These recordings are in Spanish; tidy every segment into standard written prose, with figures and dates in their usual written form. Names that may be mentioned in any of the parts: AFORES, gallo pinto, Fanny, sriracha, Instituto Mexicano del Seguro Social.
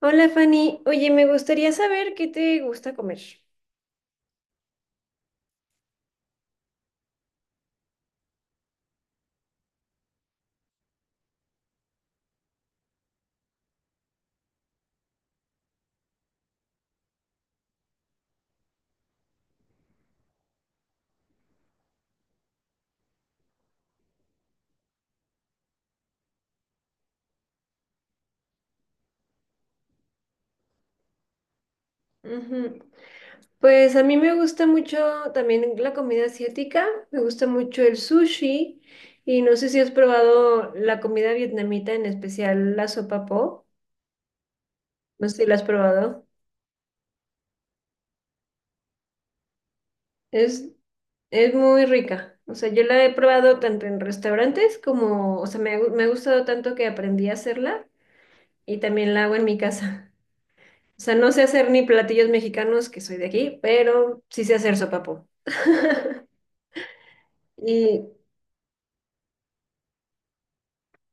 Hola Fanny, oye, me gustaría saber qué te gusta comer. Ujú. Pues a mí me gusta mucho también la comida asiática, me gusta mucho el sushi y no sé si has probado la comida vietnamita, en especial la sopa po, no sé si la has probado. Es, es muy rica, o sea, yo la he probado tanto en restaurantes como, o sea, me ha gustado tanto que aprendí a hacerla y también la hago en mi casa. O sea, no sé hacer ni platillos mexicanos, que soy de aquí, pero sí sé hacer sopapo. Y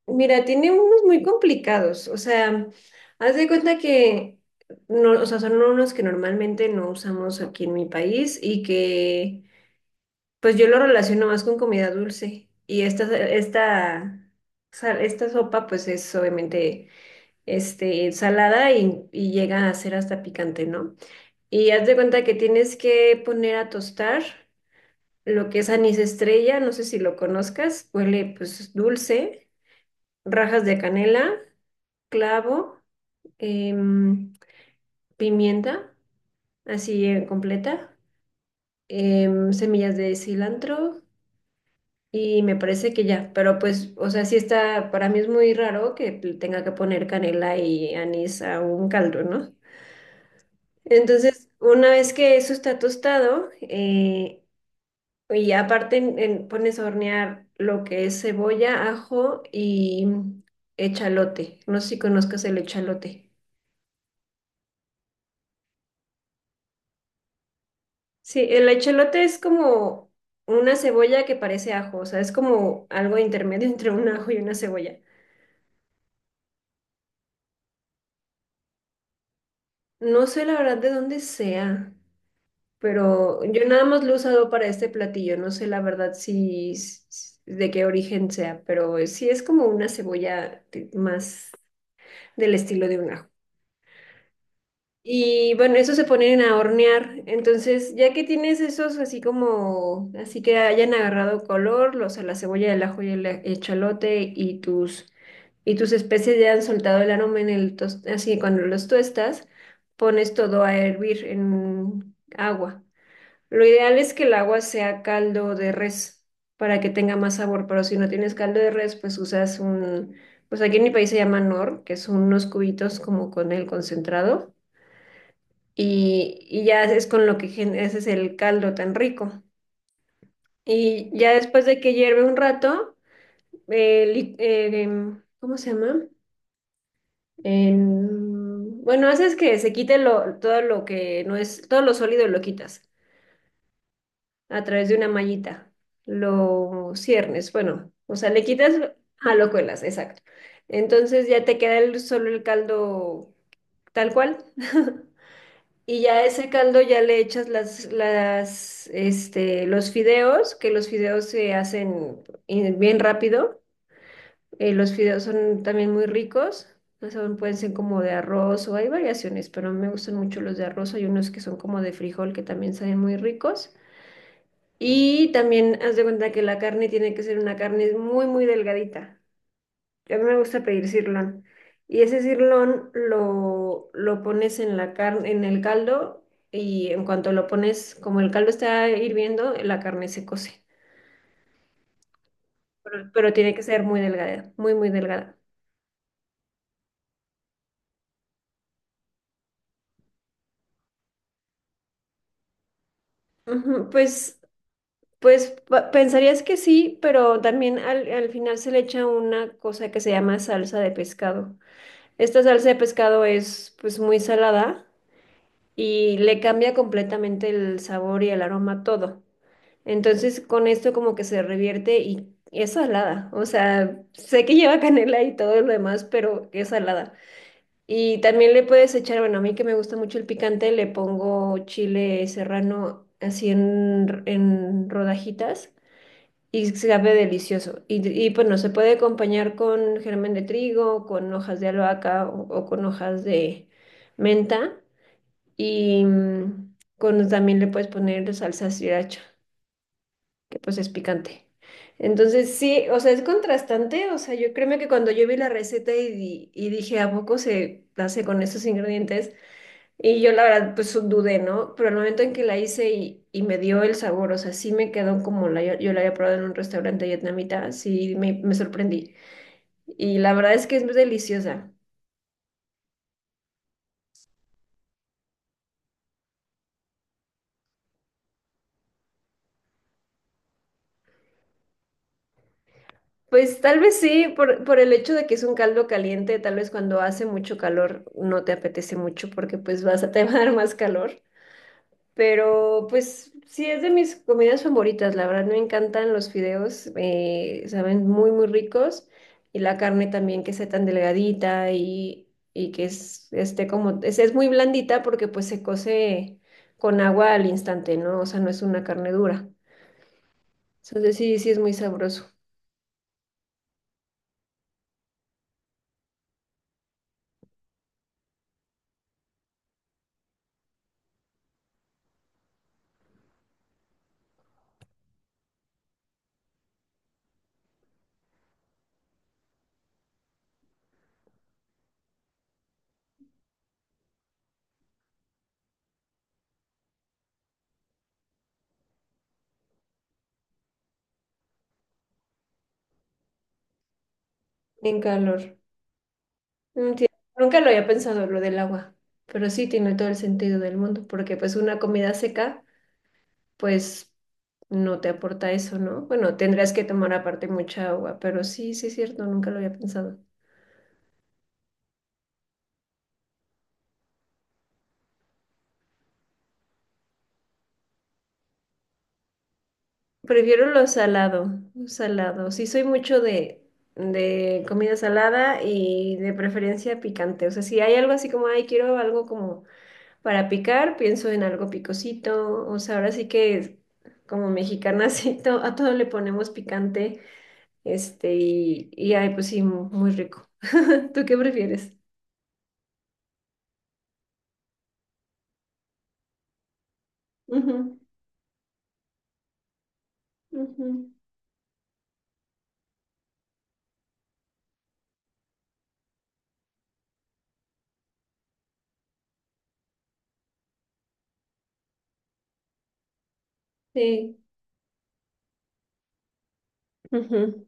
mira, tiene unos muy complicados. O sea, haz de cuenta que no, o sea, son unos que normalmente no usamos aquí en mi país y que pues yo lo relaciono más con comida dulce. Y esta sopa pues es obviamente este, salada y llega a ser hasta picante, ¿no? Y haz de cuenta que tienes que poner a tostar lo que es anís estrella, no sé si lo conozcas, huele pues dulce, rajas de canela, clavo, em, pimienta, así completa, semillas de cilantro y me parece que ya, pero pues, o sea, sí está, para mí es muy raro que le tenga que poner canela y anís a un caldo, ¿no? Entonces, una vez que eso está tostado, y aparte pones a hornear lo que es cebolla, ajo y echalote. No sé si conozcas el echalote. Sí, el echalote es como una cebolla que parece ajo, o sea, es como algo intermedio entre un ajo y una cebolla. No sé la verdad de dónde sea, pero yo nada más lo he usado para este platillo, no sé la verdad si, si- si, de qué origen sea, pero sí es como una más del estilo de un ajo. Y bueno, eso se ponen a hornear. Entonces, ya que tienes esos así como, así que hayan agarrado color, los a la cebolla, el ajo y el chalote y tus especies ya han soltado el aroma en así cuando los tuestas, pones todo a hervir en agua. Lo ideal es que el agua sea caldo de res para que tenga más sabor, pero si no tienes caldo de res, pues pues aquí en mi país se llama nor, que son unos cubitos como con el concentrado y ya es con lo ese es el caldo tan rico. Y ya después de que hierve un rato, ¿cómo se llama? Bueno, haces que se quite lo, todo lo que no es, todo lo sólido lo quitas a través de una mallita. Lo ciernes, bueno, o sea, le quitas a lo cuelas, exacto. Entonces ya te queda el, solo el caldo tal cual. Y ya a ese caldo ya le echas este, los fideos, que los fideos se hacen bien rápido. Los fideos son también muy ricos. O sea, pueden ser como de arroz o hay variaciones, pero me gustan mucho los de arroz. Hay unos que son como de frijol que también saben muy ricos. Y también haz de cuenta que la carne tiene que ser una carne muy delgadita. A mí me gusta pedir sirlón. Y ese sirlón lo pones en la carne, en el caldo, y en cuanto lo pones, como el caldo está hirviendo, la carne se cose. Pero tiene que ser muy delgada, muy delgada. Ujú. Pues, pensarías que sí, pero también al final se le echa una cosa que se llama salsa de pescado. Esta salsa de pescado es pues muy salada y le cambia completamente el sabor y el aroma a todo. Entonces, con esto como que se revierte y es salada. O sea, sé que lleva canela y todo lo demás, pero es salada. Y también le puedes echar, bueno, a mí que me gusta mucho el picante, le pongo chile serrano así en rodajitas y sabe delicioso. Y bueno, se puede acompañar con germen de trigo, con hojas de albahaca o con hojas de menta y también le puedes poner salsa sriracha que pues es picante. Entonces sí, o sea, es contrastante, o sea, yo créeme que cuando yo vi la receta y dije, ¿a poco se hace con estos ingredientes? Y yo la verdad pues dudé, ¿no? Pero el momento en que la hice y me dio el sabor, o sea, sí me quedó como la, yo la había probado en un restaurante vietnamita, sí me sorprendí. Y la verdad es que es deliciosa. Pues tal vez sí, por el hecho de que es un caldo caliente, tal vez cuando hace mucho calor no te apetece mucho porque pues te va a dar más calor. Pero pues sí, es de mis comidas favoritas, la verdad me encantan los fideos, saben muy muy ricos y la carne también que sea tan delgadita y que esté como, es muy blandita porque pues se cose con agua al instante, ¿no? O sea, no es una carne dura. Entonces sí, sí es muy sabroso en calor. Mm, sí, nunca lo había pensado lo del agua, pero sí tiene todo el sentido del mundo porque pues una comida seca pues no te aporta eso, ¿no? Bueno, tendrías que tomar aparte mucha agua, pero sí, sí es cierto, nunca lo había pensado. Prefiero lo salado, lo salado. Sí soy mucho de comida salada y de preferencia picante. O sea, si hay algo así como, ay, quiero algo como para picar, pienso en algo picosito. O sea, ahora sí que como mexicanas sí, a todo le ponemos picante. Este, y ay, pues sí, muy rico. ¿Tú qué prefieres? Ujú, ujú. Sí. Ujú,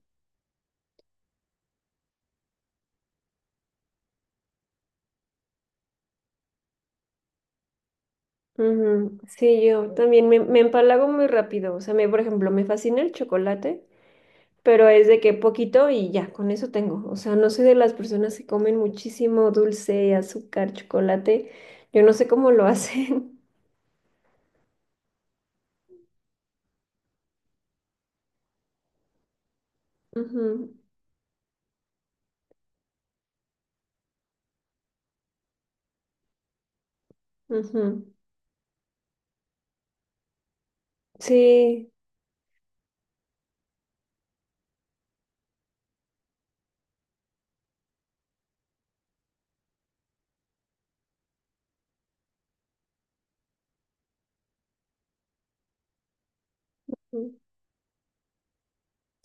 ujú. Sí, yo también me empalago muy rápido. O sea, por ejemplo, me fascina el chocolate, pero es de que poquito y ya, con eso tengo. O sea, no soy de las personas que comen muchísimo dulce, azúcar, chocolate. Yo no sé cómo lo hacen. Ujú, ujú. Sí,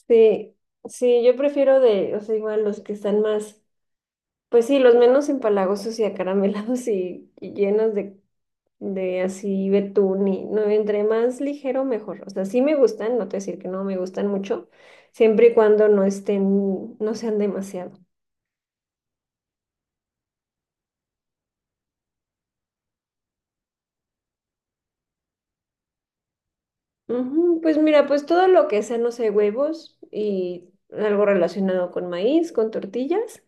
sí, sí, yo prefiero de, o sea, igual los que están más, pues sí, los menos empalagosos y acaramelados y llenos de así betún y no, entre más ligero mejor. O sea, sí me gustan, no te voy a decir que no me gustan mucho, siempre y cuando no estén, no sean demasiado. Ujú. Pues mira, pues todo lo que sea, no sé, huevos y algo relacionado con maíz, con tortillas.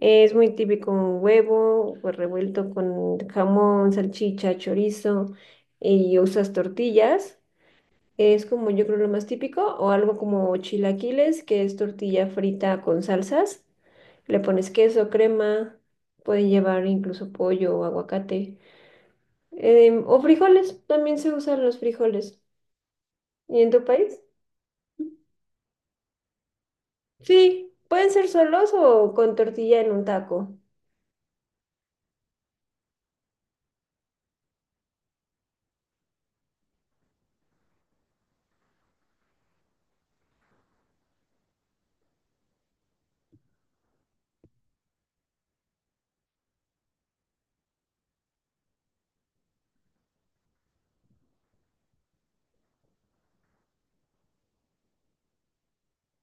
Es muy típico un huevo, pues revuelto con jamón, salchicha, chorizo y usas tortillas. Es como yo creo lo más típico, o algo como chilaquiles, que es tortilla frita con salsas. Le pones queso, crema, puede llevar incluso pollo o aguacate. Em, o frijoles, también se usan los frijoles. ¿Y en tu país? Sí, pueden ser solos o con tortilla en un taco.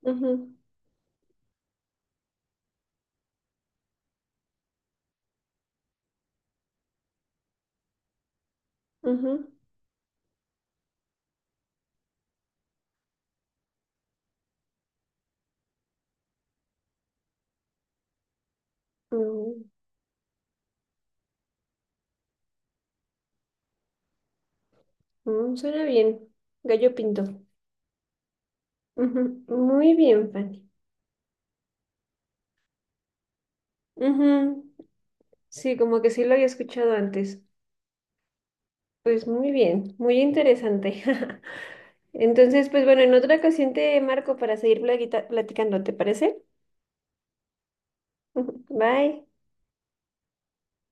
Ujú, ujú. Mm, mm, suena bien. Gallo pinto. Ujú, muy bien, Fanny. Ujú, sí, como que sí lo había escuchado antes. Pues muy bien, muy interesante. Entonces, pues bueno, en otra ocasión te marco para seguir platicando, ¿te parece? Bye.